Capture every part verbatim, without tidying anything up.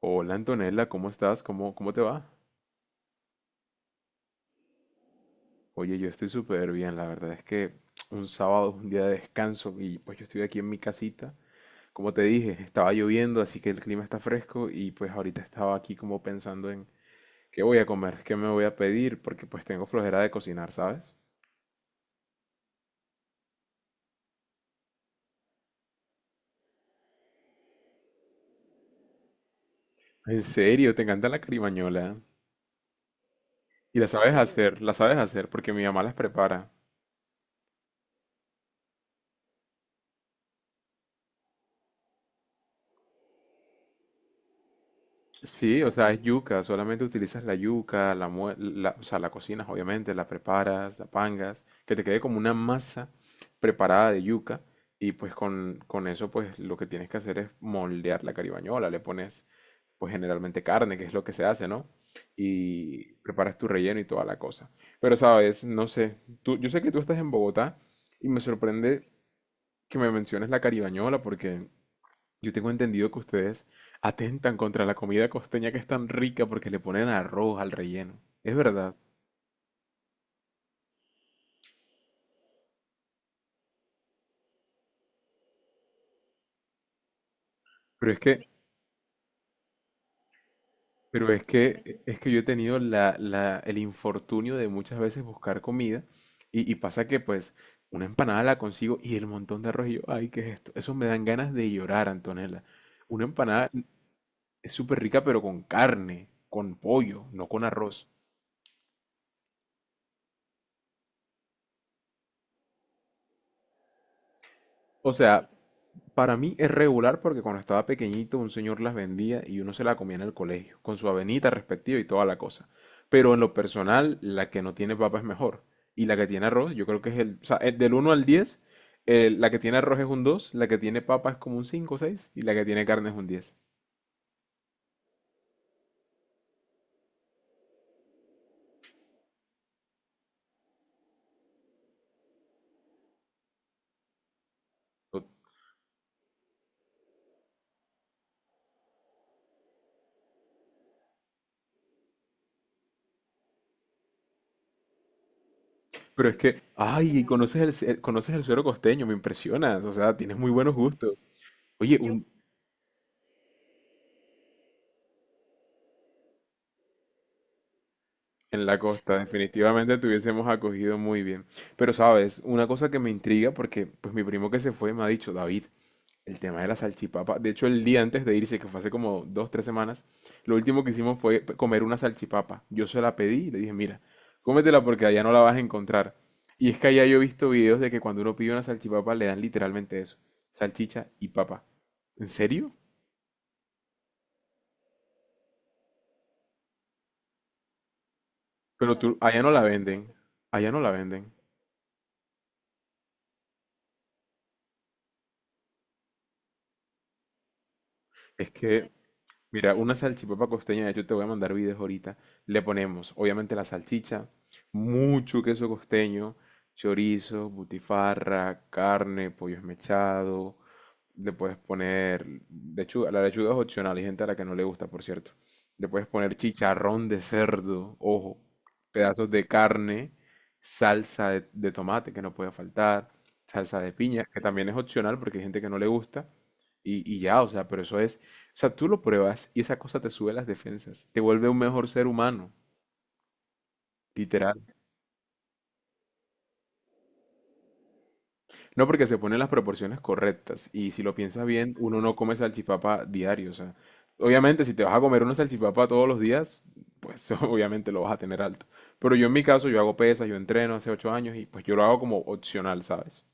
Hola Antonella, ¿cómo estás? ¿Cómo, cómo te va? Oye, yo estoy súper bien, la verdad es que un sábado es un día de descanso y pues yo estoy aquí en mi casita. Como te dije, estaba lloviendo, así que el clima está fresco y pues ahorita estaba aquí como pensando en qué voy a comer, qué me voy a pedir, porque pues tengo flojera de cocinar, ¿sabes? En serio, te encanta la carimañola. Y la sabes hacer, la sabes hacer porque mi mamá las prepara. Sí, o sea, es yuca, solamente utilizas la yuca, la, mue- la- o sea, la cocinas obviamente, la preparas, la pangas, que te quede como una masa preparada de yuca y pues con, con eso pues lo que tienes que hacer es moldear la caribañola, le pones pues generalmente carne, que es lo que se hace, ¿no? Y preparas tu relleno y toda la cosa. Pero sabes, no sé, tú, yo sé que tú estás en Bogotá y me sorprende que me menciones la caribañola porque... Yo tengo entendido que ustedes atentan contra la comida costeña que es tan rica porque le ponen arroz al relleno. Es verdad. Pero es que, pero es que, es que yo he tenido la, la- el infortunio de muchas veces buscar comida y, y pasa que pues una empanada la consigo y el montón de arroz y yo, ay, ¿qué es esto? Eso me dan ganas de llorar, Antonella. Una empanada es súper rica pero con carne, con pollo, no con arroz. O sea, para mí es regular porque cuando estaba pequeñito un señor las vendía y uno se la comía en el colegio, con su avenita respectiva y toda la cosa. Pero en lo personal, la que no tiene papa es mejor. Y la que tiene arroz, yo creo que es el, o sea, el del uno al diez, eh, la que tiene arroz es un dos, la que tiene papa es como un cinco o seis, y la que tiene carne es un diez. O- Pero es que, ay, conoces el, ce- conoces el suero costeño, me impresionas. O sea, tienes muy buenos gustos. Oye, Yo, un, en la costa, definitivamente te hubiésemos acogido muy bien. Pero sabes, una cosa que me intriga, porque pues mi primo que se fue me ha dicho, David, el tema de la salchipapa. De hecho, el día antes de irse, que fue hace como dos, tres semanas, lo último que hicimos fue p- comer una salchipapa. Yo se la pedí y le dije, mira, cómetela porque allá no la vas a encontrar. Y es que allá yo he visto videos de que cuando uno pide una salchipapa le dan literalmente eso, salchicha y papa. ¿En serio? Pero tú, allá no la venden. Allá no la venden. Es que... Mira, una salchipapa costeña, de hecho te voy a mandar videos ahorita. Le ponemos, obviamente, la salchicha, mucho queso costeño, chorizo, butifarra, carne, pollo esmechado. Le puedes poner lechuga, la lechuga es opcional, hay gente a la que no le gusta, por cierto. Le puedes poner chicharrón de cerdo, ojo, pedazos de carne, salsa de, de tomate que no puede faltar, salsa de piña, que también es opcional porque hay gente que no le gusta. Y, y ya, o sea, pero eso es, o sea, tú lo pruebas y esa cosa te sube las defensas, te vuelve un mejor ser humano, literal. No porque se ponen las proporciones correctas y si lo piensas bien, uno no come salchipapa diario, o sea, obviamente si te vas a comer una salchipapa todos los días, pues obviamente lo vas a tener alto. Pero yo en mi caso, yo hago pesas, yo entreno hace ocho años y pues yo lo hago como opcional, ¿sabes?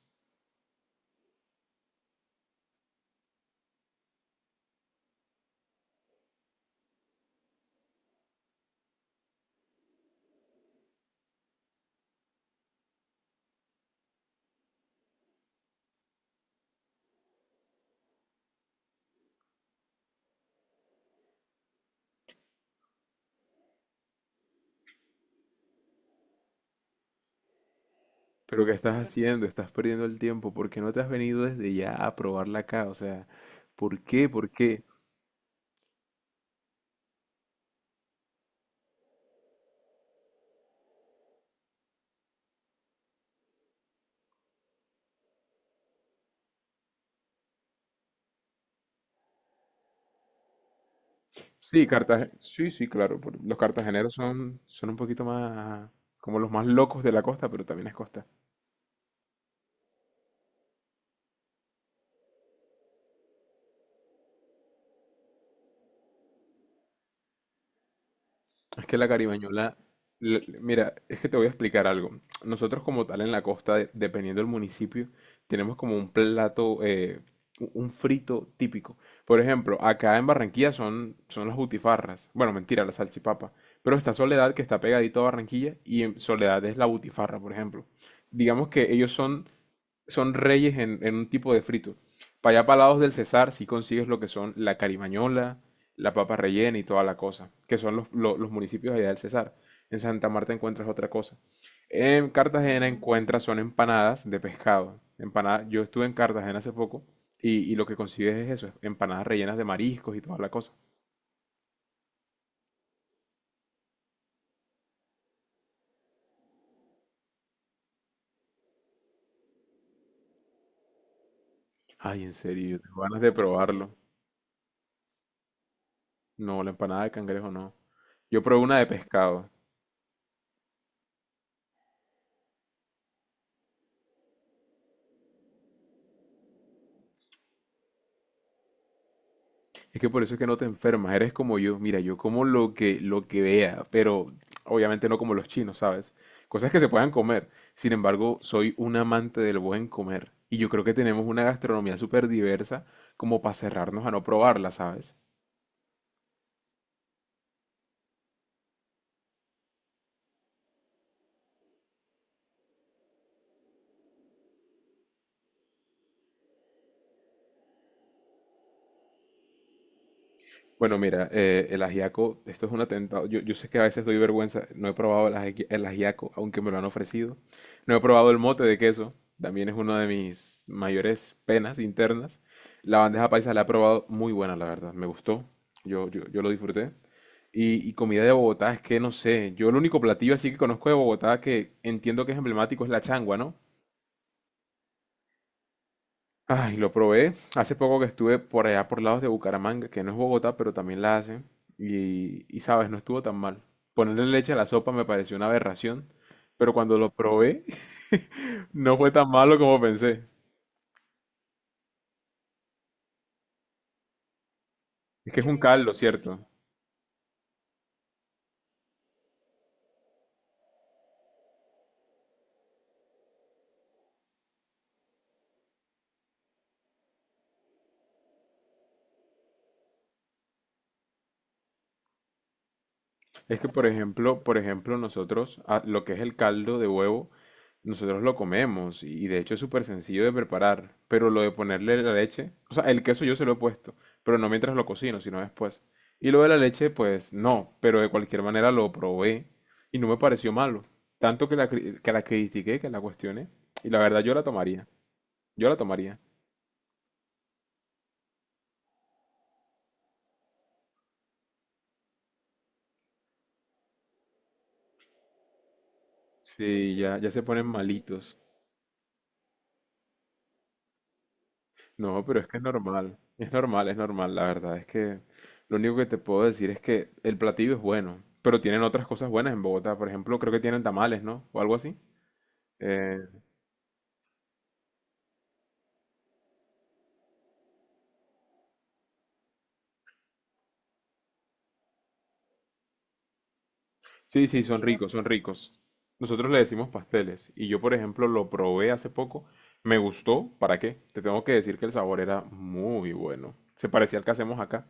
Pero ¿qué estás haciendo? Estás perdiendo el tiempo. ¿Por qué no te has venido desde ya a probarla acá? O sea, ¿por qué? ¿Por qué? Sí, Cartagena. Sí, sí, claro. por- Los cartageneros son, son un poquito más como los más locos de la costa, pero también es costa. Es que la caribañola, l- mira, es que te voy a explicar algo. Nosotros como tal en la costa, de- dependiendo del municipio, tenemos como un plato, eh, u- un frito típico. Por ejemplo, acá en Barranquilla son, son las butifarras. Bueno, mentira, la salchipapa. Pero está Soledad, que está pegadito a Barranquilla, y en Soledad es la butifarra, por ejemplo. Digamos que ellos son son reyes en, en un tipo de frito. Para allá, para lados del Cesar, sí consigues lo que son la carimañola, la papa rellena y toda la cosa, que son los, lo- los municipios allá del Cesar. En Santa Marta encuentras otra cosa. En Cartagena encuentras son empanadas de pescado. Empanada, yo estuve en Cartagena hace poco y, y lo que consigues es eso, empanadas rellenas de mariscos y toda la cosa. Ay, en serio, yo tengo ganas de probarlo. No, la empanada de cangrejo no. Yo probé una de pescado. Es que por eso es que no te enfermas, eres como yo. Mira, yo como lo que, lo que vea, pero obviamente no como los chinos, ¿sabes? Cosas que se puedan comer. Sin embargo, soy un amante del buen comer. Y yo creo que tenemos una gastronomía súper diversa como para cerrarnos a no probarla, ¿sabes? Bueno, mira, eh, el ajiaco, esto es un atentado. Yo, yo sé que a veces doy vergüenza. No he probado el aji- el ajiaco, aunque me lo han ofrecido. No he probado el mote de queso. También es una de mis mayores penas internas. La bandeja paisa la he probado muy buena, la verdad. Me gustó. Yo, yo, yo lo disfruté. Y, y comida de Bogotá, es que no sé. Yo el único platillo así que conozco de Bogotá que entiendo que es emblemático es la changua, ¿no? Ay, lo probé hace poco que estuve por allá por lados de Bucaramanga, que no es Bogotá, pero también la hacen. Y, y sabes, no estuvo tan mal. Ponerle leche a la sopa me pareció una aberración, pero cuando lo probé no fue tan malo como pensé. Es que es un caldo, ¿cierto? Es que, por ejemplo, por ejemplo, nosotros ah, lo que es el caldo de huevo, nosotros lo comemos y, y de hecho es súper sencillo de preparar, pero lo de ponerle la leche, o sea, el queso yo se lo he puesto, pero no mientras lo cocino, sino después. Y lo de la leche, pues no, pero de cualquier manera lo probé y no me pareció malo, tanto que la, cri- que la critiqué, que la cuestioné, y la verdad yo la tomaría, yo la tomaría. Sí, ya, ya se ponen malitos. No, pero es que es normal, es normal, es normal, la verdad es que lo único que te puedo decir es que el platillo es bueno, pero tienen otras cosas buenas en Bogotá, por ejemplo, creo que tienen tamales, ¿no? O algo así. Eh, Sí, sí, son ricos, son ricos. Nosotros le decimos pasteles y yo, por ejemplo, lo probé hace poco. Me gustó, ¿para qué? Te tengo que decir que el sabor era muy bueno. Se parecía al que hacemos acá.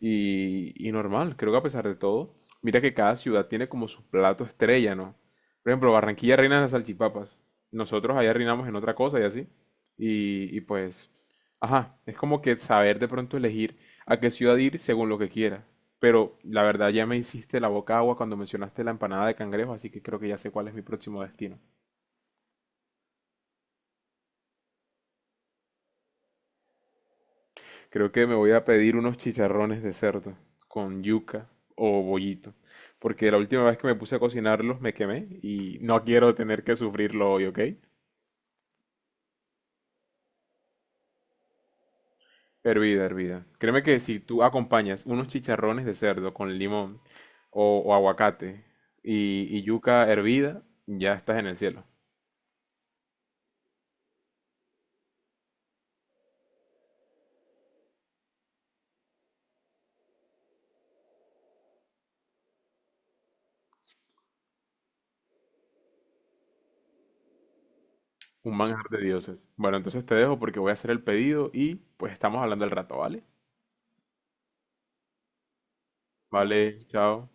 Y, y normal, creo que a pesar de todo, mira que cada ciudad tiene como su plato estrella, ¿no? Por ejemplo, Barranquilla reina de las salchipapas. Nosotros allá reinamos en otra cosa y así. Y, y pues ajá, es como que saber de pronto elegir a qué ciudad ir según lo que quiera. Pero la verdad ya me hiciste la boca agua cuando mencionaste la empanada de cangrejo, así que creo que ya sé cuál es mi próximo destino. Creo que me voy a pedir unos chicharrones de cerdo con yuca o bollito, porque la última vez que me puse a cocinarlos me quemé y no quiero tener que sufrirlo hoy, ¿ok? Hervida, hervida. Créeme que si tú acompañas unos chicharrones de cerdo con limón o, o aguacate y, y yuca hervida, ya estás en el cielo. Un manjar de dioses. Bueno, entonces te dejo porque voy a hacer el pedido y pues estamos hablando al rato, ¿vale? Vale, chao.